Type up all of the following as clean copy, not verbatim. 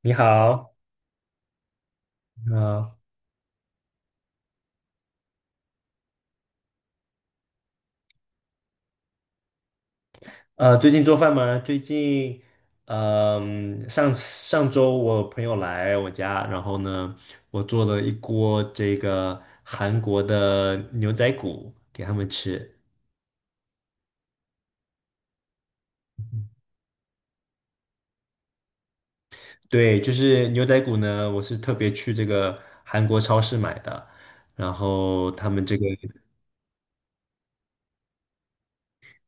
你好，你好，最近做饭吗？最近，上上周我朋友来我家，然后呢，我做了一锅这个韩国的牛仔骨给他们吃。对，就是牛仔骨呢，我是特别去这个韩国超市买的，然后他们这个，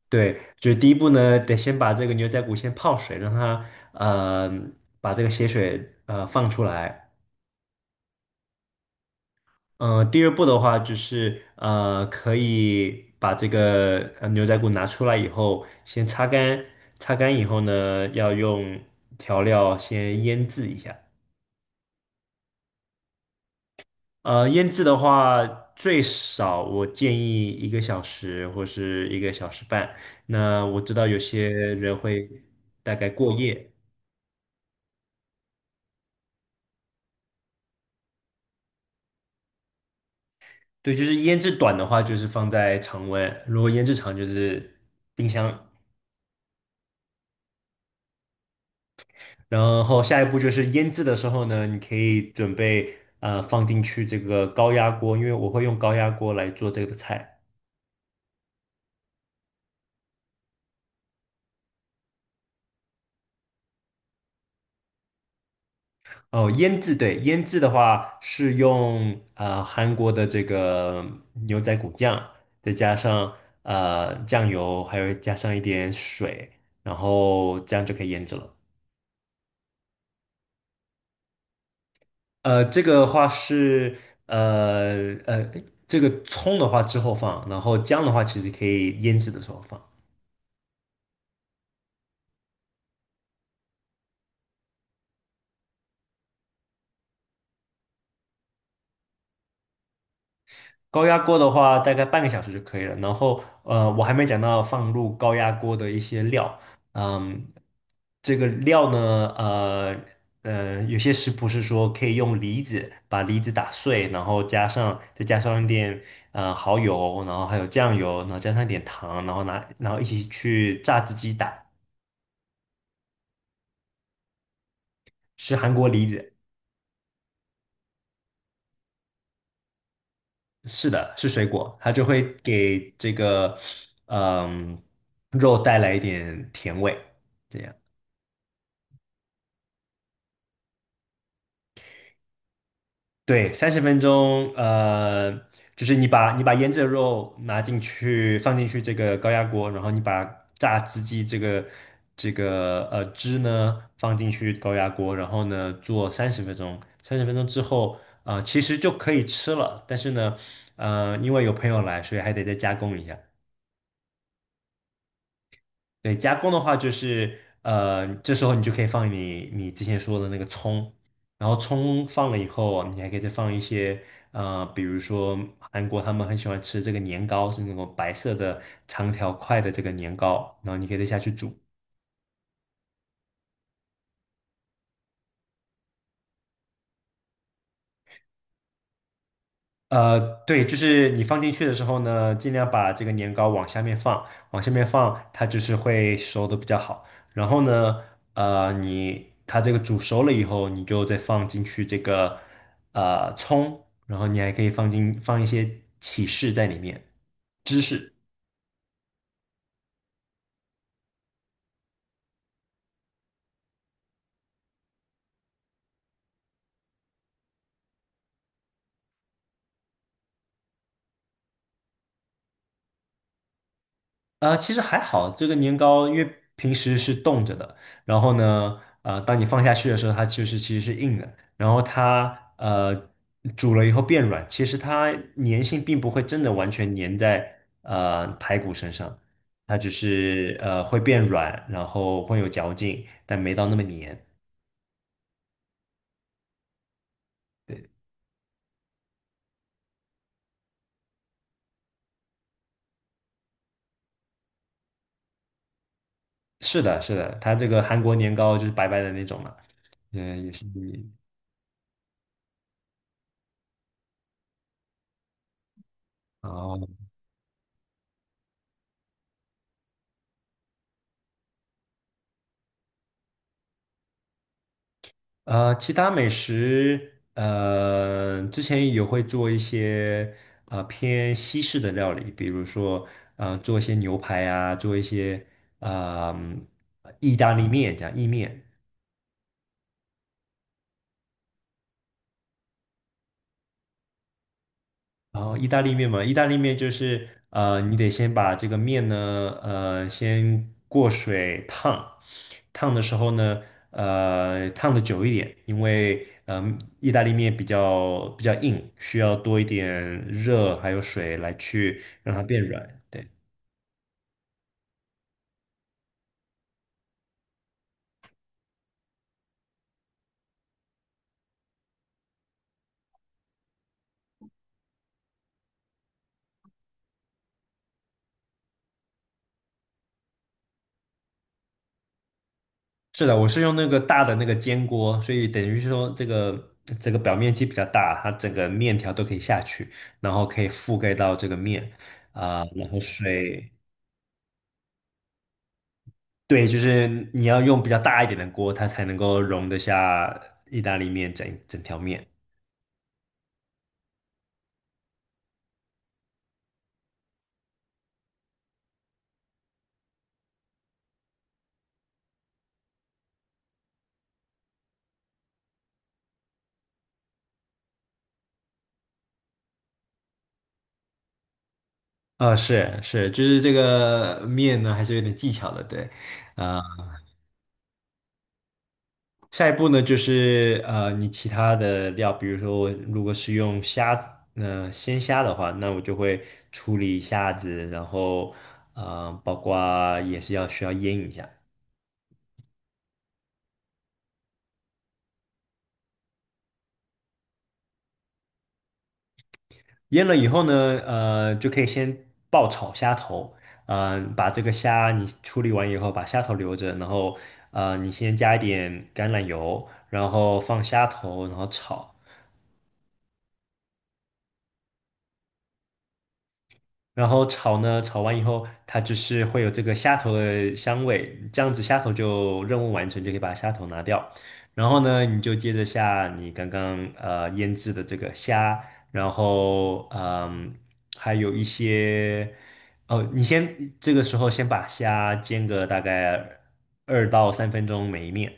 对，就第一步呢，得先把这个牛仔骨先泡水，让它呃把这个血水放出来。第二步的话就是可以把这个牛仔骨拿出来以后，先擦干，擦干以后呢，要用调料先腌制一下。腌制的话，最少我建议一个小时或是一个小时半。那我知道有些人会大概过夜，对，就是腌制短的话，就是放在常温；如果腌制长，就是冰箱。然后下一步就是腌制的时候呢，你可以准备放进去这个高压锅，因为我会用高压锅来做这个菜。哦，腌制对，腌制的话是用韩国的这个牛仔骨酱，再加上酱油，还有加上一点水，然后这样就可以腌制了。这个的话是呃呃，这个葱的话之后放，然后姜的话其实可以腌制的时候放。高压锅的话，大概半个小时就可以了。然后，我还没讲到放入高压锅的一些料。嗯，这个料呢，呃有些食谱是说可以用梨子把梨子打碎，然后再加上一点蚝油，然后还有酱油，然后加上一点糖，然后然后一起去榨汁机打，是韩国梨子，是的，是水果，它就会给这个嗯、肉带来一点甜味。这样。对，三十分钟，就是你把腌制的肉拿进去，放进去这个高压锅，然后你把榨汁机这个汁呢放进去高压锅，然后呢做三十分钟，三十分钟之后，啊，其实就可以吃了，但是呢，因为有朋友来，所以还得再加工一下。对，加工的话就是，这时候你就可以放你之前说的那个葱，然后葱放了以后，你还可以再放一些，比如说韩国他们很喜欢吃这个年糕，是那种白色的长条块的这个年糕，然后你可以再下去煮，呃，对，就是你放进去的时候呢，尽量把这个年糕往下面放，往下面放，它就是会熟的比较好。然后呢，它这个煮熟了以后，你就再放进去这个葱，然后你还可以放一些起士在里面，芝士。其实还好，这个年糕因为平时是冻着的，然后呢，当你放下去的时候，它就是其实是硬的，然后它煮了以后变软，其实它粘性并不会真的完全粘在排骨身上，它只是会变软，然后会有嚼劲，但没到那么粘。对，是的，是的，它这个韩国年糕就是白白的那种了，嗯，也是，哦，其他美食，之前也会做一些偏西式的料理，比如说做一些牛排啊，做一些啊呃嗯意面，然后意大利面就是你得先把这个面呢，先过水烫，烫的时候呢，烫的久一点，因为意大利面比较硬，需要多一点热还有水来去让它变软。对，是的，我是用那个大的那个煎锅，所以等于是说这个表面积比较大，它整个面条都可以下去，然后可以覆盖到这个面啊、然后水。对，就是你要用比较大一点的锅，它才能够容得下意大利面整条面。是是，就是这个面呢，还是有点技巧的，对。呃，下一步呢，就是你其他的料，比如说我如果是用虾子，鲜虾的话，那我就会处理虾子，然后包括也是需要腌一下。腌了以后呢，就可以先爆炒虾头，把这个虾你处理完以后，把虾头留着，然后你先加一点橄榄油，然后放虾头，然后炒。然后炒呢，炒完以后，它就是会有这个虾头的香味，这样子虾头就任务完成，就可以把虾头拿掉。然后呢，你就接着下你刚刚腌制的这个虾，然后还有一些哦，你先这个时候先把虾煎个大概2到3分钟每一面，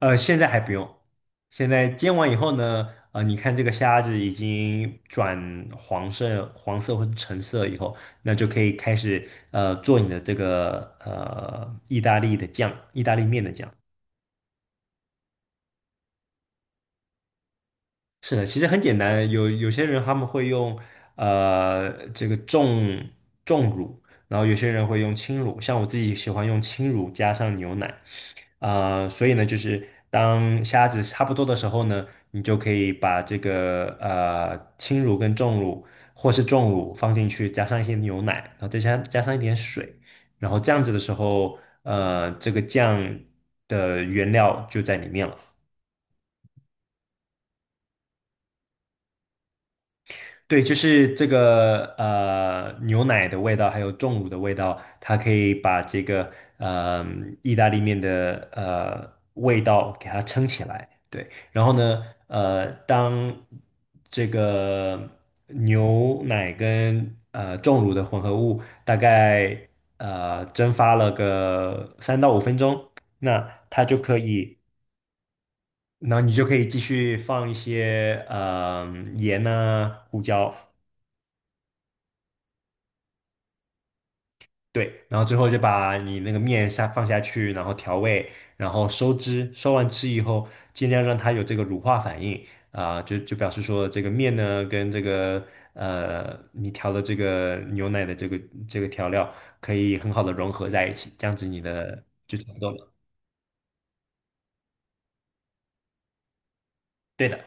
现在还不用。现在煎完以后呢，你看这个虾子已经转黄色、黄色或者橙色以后，那就可以开始做你的意大利面的酱。是的，其实很简单，有些人他们会用这个重乳，然后有些人会用轻乳，像我自己喜欢用轻乳加上牛奶，啊，所以呢，就是当虾子差不多的时候呢，你就可以把这个轻乳跟重乳或是重乳放进去，加上一些牛奶，然后再加上一点水，然后这样子的时候，这个酱的原料就在里面了。对，就是这个牛奶的味道，还有重乳的味道，它可以把这个呃意大利面的味道给它撑起来。对，然后呢，当这个牛奶跟重乳的混合物大概蒸发了个3到5分钟，那它就可以，那你就可以继续放一些盐啊、胡椒。对，然后最后就把你那个面放下去，然后调味，然后收汁，收完汁以后，尽量让它有这个乳化反应啊、就表示说这个面呢跟这个你调的这个牛奶的这个调料可以很好的融合在一起，这样子你的就差不多了。对的，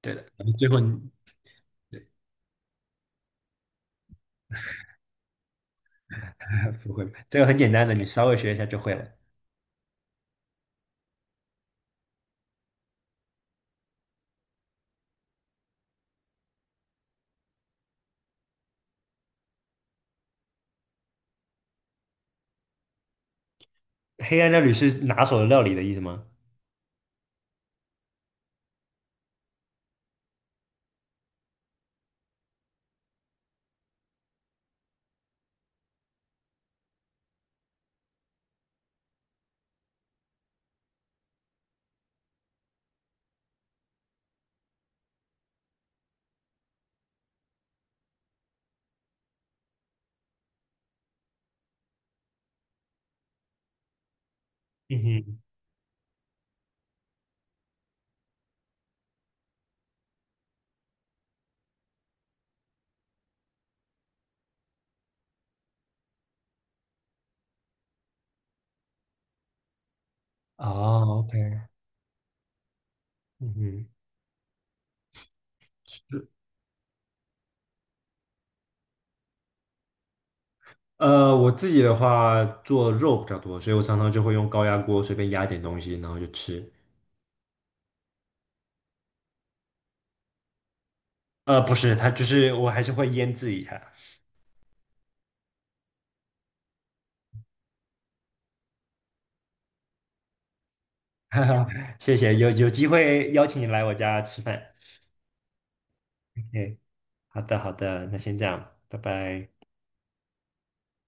对的，然后最后你 不会，这个很简单的，你稍微学一下就会了。黑暗料理是拿手的料理的意思吗？嗯哼，哦，OK，嗯哼。我自己的话做肉比较多，所以我常常就会用高压锅随便压点东西，然后就吃。不是，它就是我还是会腌制一下。哈哈，谢谢，有机会邀请你来我家吃饭。OK，好的好的，那先这样，拜拜。